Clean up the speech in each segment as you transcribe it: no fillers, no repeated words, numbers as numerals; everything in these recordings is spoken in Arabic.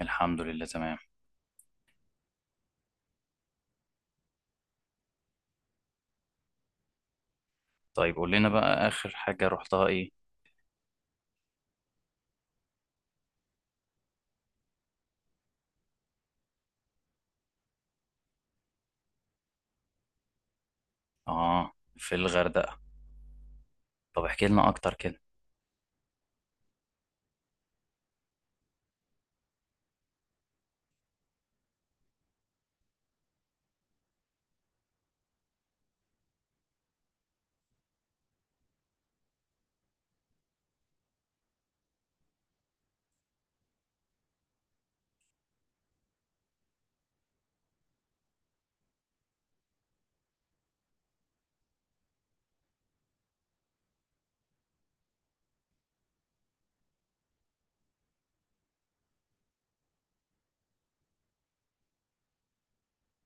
الحمد لله، تمام. طيب قول لنا بقى آخر حاجة رحتها إيه؟ آه. في الغردقة. طب احكي لنا أكتر كده.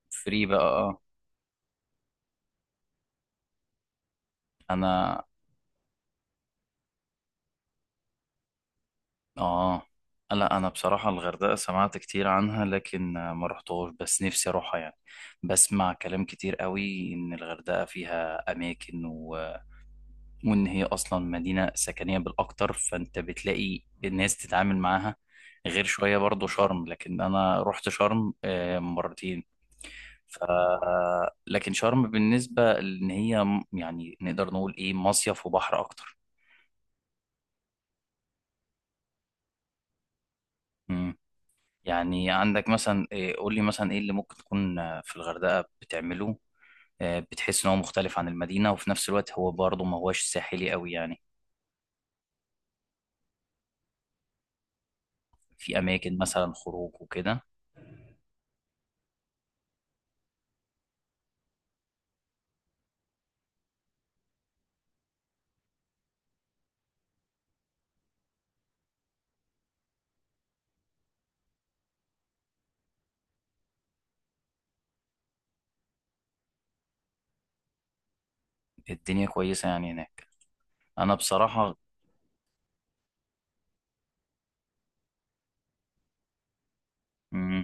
فري بقى، آه. أنا آه لا، أنا بصراحة الغردقة سمعت كتير عنها، لكن ما رحتهاش، بس نفسي أروحها يعني. بسمع كلام كتير قوي إن الغردقة فيها أماكن، وان هي اصلا مدينه سكنيه بالاكتر، فانت بتلاقي الناس تتعامل معاها غير شويه. برضو شرم، لكن انا رحت شرم مرتين. ف لكن شرم بالنسبه ان هي يعني نقدر نقول ايه، مصيف وبحر اكتر. مم. يعني عندك مثلا إيه، قول لي مثلا ايه اللي ممكن تكون في الغردقه بتعمله. بتحس ان هو مختلف عن المدينه، وفي نفس الوقت هو برضه ما هواش ساحلي قوي يعني. في اماكن مثلا خروج وكده. الدنيا كويسه يعني هناك. انا بصراحه. مم.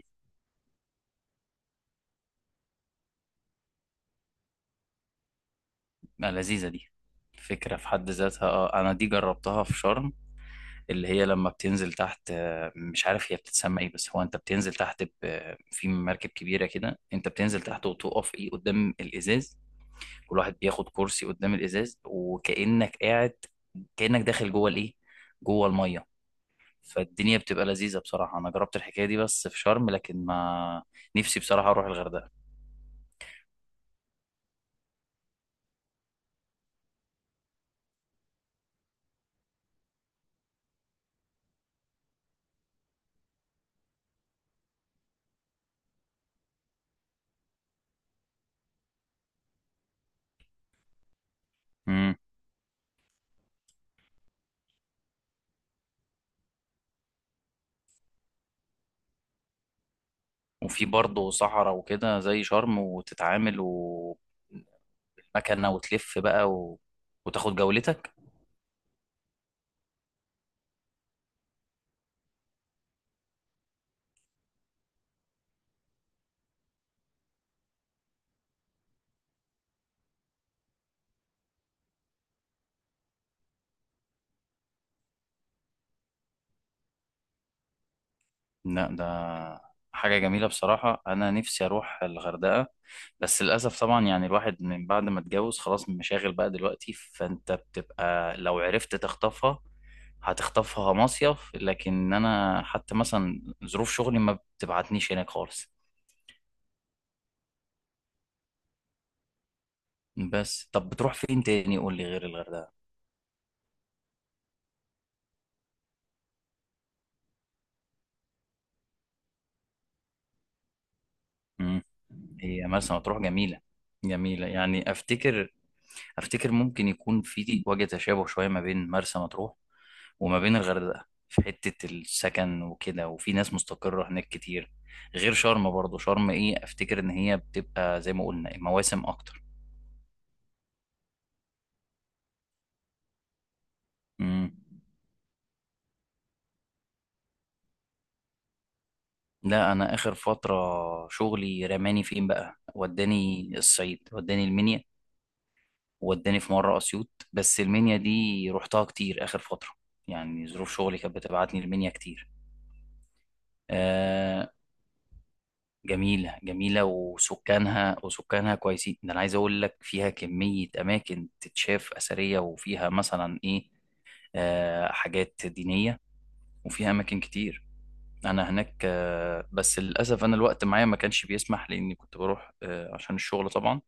لذيذه دي، فكره في حد ذاتها. اه انا دي جربتها في شرم، اللي هي لما بتنزل تحت، مش عارف هي بتتسمى ايه، بس هو انت بتنزل تحت في مركب كبيره كده، انت بتنزل تحت وتقف ايه قدام الازاز. كل واحد بياخد كرسي قدام الازاز، وكانك قاعد، كانك داخل جوه الايه، جوه الميه. فالدنيا بتبقى لذيذه بصراحه، انا جربت الحكايه دي بس في شرم، لكن ما نفسي بصراحه اروح الغردقه. وفي برضه صحراء وكده زي شرم، وتتعامل ومكنة، وتلف بقى وتاخد جولتك. لا، ده حاجة جميلة بصراحة، أنا نفسي أروح الغردقة، بس للأسف طبعا، يعني الواحد من بعد ما اتجوز خلاص مشاغل بقى دلوقتي، فأنت بتبقى لو عرفت تخطفها هتخطفها مصيف، لكن أنا حتى مثلا ظروف شغلي ما بتبعتنيش هناك خالص. بس طب بتروح فين تاني؟ قول لي غير الغردقة. مم. هي مرسى مطروح جميلة، جميلة يعني. أفتكر، أفتكر ممكن يكون في وجه تشابه شوية ما بين مرسى مطروح وما بين الغردقة في حتة السكن وكده، وفي ناس مستقرة هناك كتير. غير شرم، برضو شرم إيه، أفتكر إن هي بتبقى زي ما قلنا مواسم أكتر. مم. لا، أنا آخر فترة شغلي رماني فين بقى، وداني الصعيد، وداني المنيا، ووداني في مرة أسيوط، بس المنيا دي رحتها كتير آخر فترة. يعني ظروف شغلي كانت بتبعتني المنيا كتير. آه، جميلة جميلة، وسكانها كويسين. ده أنا عايز أقول لك فيها كمية أماكن تتشاف أثرية، وفيها مثلا إيه، حاجات دينية، وفيها أماكن كتير. أنا هناك، بس للأسف أنا الوقت معايا ما كانش بيسمح، لأني كنت بروح عشان الشغل طبعا.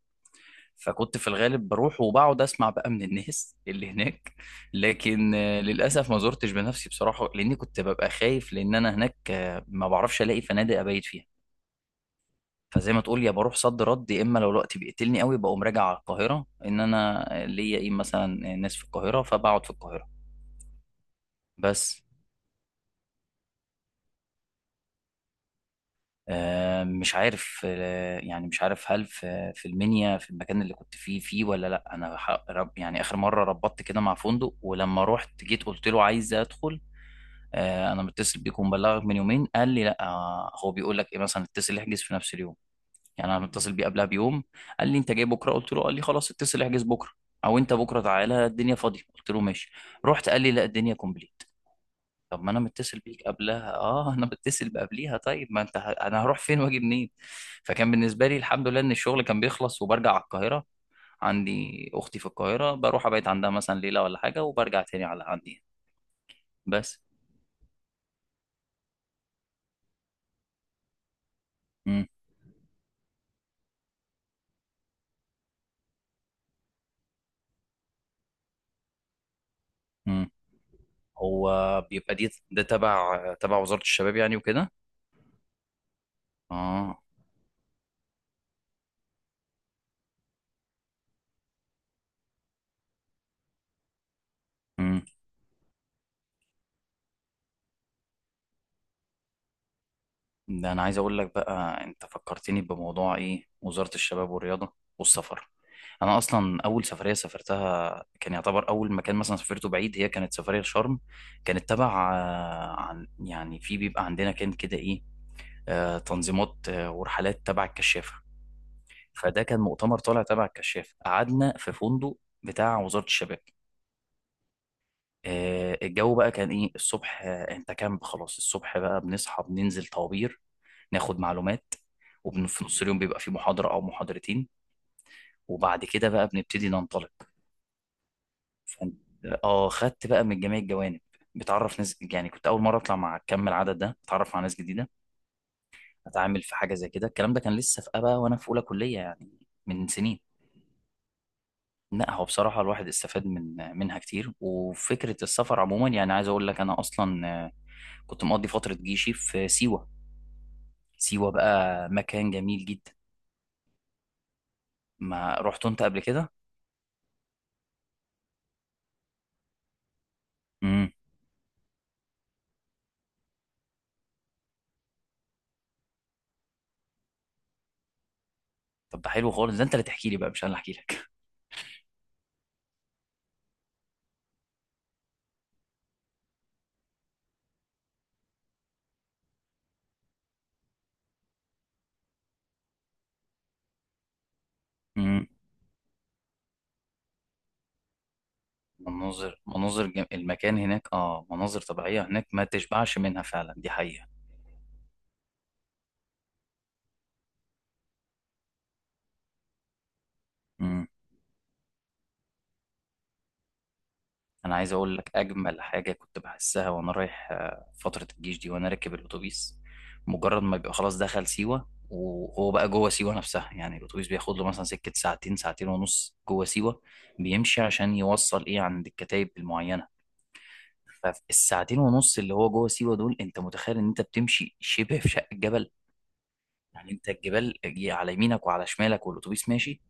فكنت في الغالب بروح، وبقعد اسمع بقى من الناس اللي هناك. لكن للاسف ما زرتش بنفسي بصراحه، لاني كنت ببقى خايف، لان انا هناك ما بعرفش الاقي فنادق ابيت فيها. فزي ما تقول، يا بروح صد رد، يا اما لو الوقت بيقتلني قوي بقوم راجع على القاهره، ان انا ليا ايه مثلا ناس في القاهره فبقعد في القاهره. بس مش عارف، يعني مش عارف هل في المنيا في المكان اللي كنت فيه ولا لا، انا يعني اخر مره ربطت كده مع فندق، ولما رحت جيت قلت له عايز ادخل. انا متصل بيك ومبلغك من يومين. قال لي لا، هو بيقول لك ايه مثلا اتصل احجز في نفس اليوم. يعني انا متصل بيه قبلها بيوم. قال لي انت جاي بكره؟ قلت له قال لي خلاص اتصل احجز بكره، او انت بكره تعالى الدنيا فاضيه. قلت له ماشي. رحت، قال لي لا الدنيا كومبليت. طب ما انا متصل بيك قبلها، انا متصل بقبليها. طيب ما انت انا هروح فين واجي منين. فكان بالنسبه لي، الحمد لله، ان الشغل كان بيخلص وبرجع على القاهره. عندي اختي في القاهره، بروح ابيت عندها مثلا ليله ولا حاجه، وبرجع تاني على عندي. بس. مم. هو بيبقى ده تبع وزارة الشباب يعني وكده. اه. امم ده انا عايز اقول لك بقى، انت فكرتني بموضوع ايه، وزارة الشباب والرياضة والسفر. انا اصلا اول سفرية سافرتها، كان يعتبر اول مكان مثلا سافرته بعيد، هي كانت سفرية شرم. كانت تبع عن يعني في بيبقى عندنا كان كده ايه، تنظيمات ورحلات تبع الكشافة. فده كان مؤتمر طالع تبع الكشافة، قعدنا في فندق بتاع وزارة الشباب. الجو بقى كان ايه الصبح، انت كامب خلاص، الصبح بقى بنصحى بننزل طوابير، ناخد معلومات، وفي نص اليوم بيبقى في محاضرة او محاضرتين، وبعد كده بقى بنبتدي ننطلق. فانت اه خدت بقى من جميع الجوانب، بتعرف ناس، يعني كنت اول مره اطلع مع كم العدد ده، اتعرف على ناس جديده، اتعامل في حاجه زي كده. الكلام ده كان لسه في ابا وانا في اولى كليه يعني، من سنين. لا، هو بصراحه الواحد استفاد منها كتير، وفكره السفر عموما يعني عايز اقول لك انا اصلا، كنت مقضي فتره جيشي في سيوه. سيوة بقى مكان جميل جدا. ما رحت انت قبل كده؟ امم طب ده حلو خالص، ده انت اللي تحكي لي بقى مش انا اللي احكي لك امم المكان هناك، مناظر طبيعية هناك ما تشبعش منها فعلا، دي حقيقة. امم انا عايز اقول لك اجمل حاجة كنت بحسها وانا رايح فترة الجيش دي وانا راكب الاتوبيس. مجرد ما بيبقى خلاص دخل سيوة وهو بقى جوه سيوة نفسها، يعني الاتوبيس بياخد له مثلا سكة ساعتين، ساعتين ونص جوه سيوة، بيمشي عشان يوصل ايه عند الكتايب المعينة. فالساعتين ونص اللي هو جوه سيوه دول، انت متخيل ان انت بتمشي شبه في شق الجبل، يعني انت الجبال على يمينك وعلى شمالك، والاتوبيس ماشي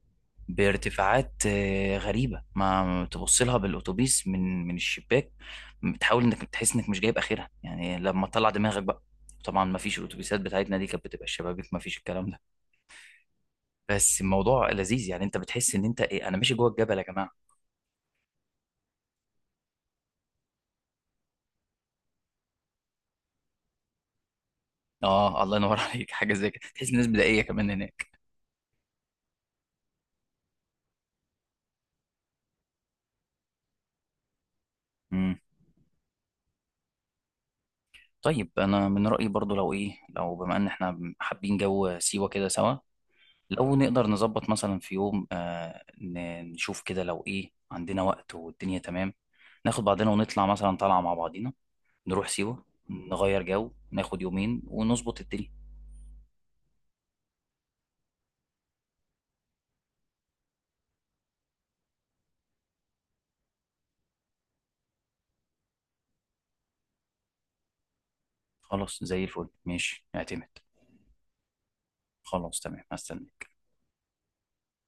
بارتفاعات غريبه، ما تبص لها بالاتوبيس من الشباك. بتحاول انك تحس انك مش جايب اخرها يعني، لما تطلع دماغك بقى. طبعا ما فيش، الاتوبيسات بتاعتنا دي كانت بتبقى الشبابيك ما فيش الكلام ده. بس الموضوع لذيذ، يعني انت بتحس ان انت ايه، انا ماشي جوه الجبل يا جماعه. اه، الله ينور عليك، حاجه زي كده تحس الناس بدائيه كمان هناك. طيب، انا من رايي برضو لو ايه، لو بما ان احنا حابين جو سيوه كده سوا، لو نقدر نظبط مثلا في يوم نشوف كده لو ايه عندنا وقت والدنيا تمام، ناخد بعضنا ونطلع مثلا طالعه مع بعضينا، نروح سيوه نغير جو، ناخد يومين ونظبط الدنيا. خلاص، زي الفل، ماشي، اعتمد. خلاص تمام، هستنى.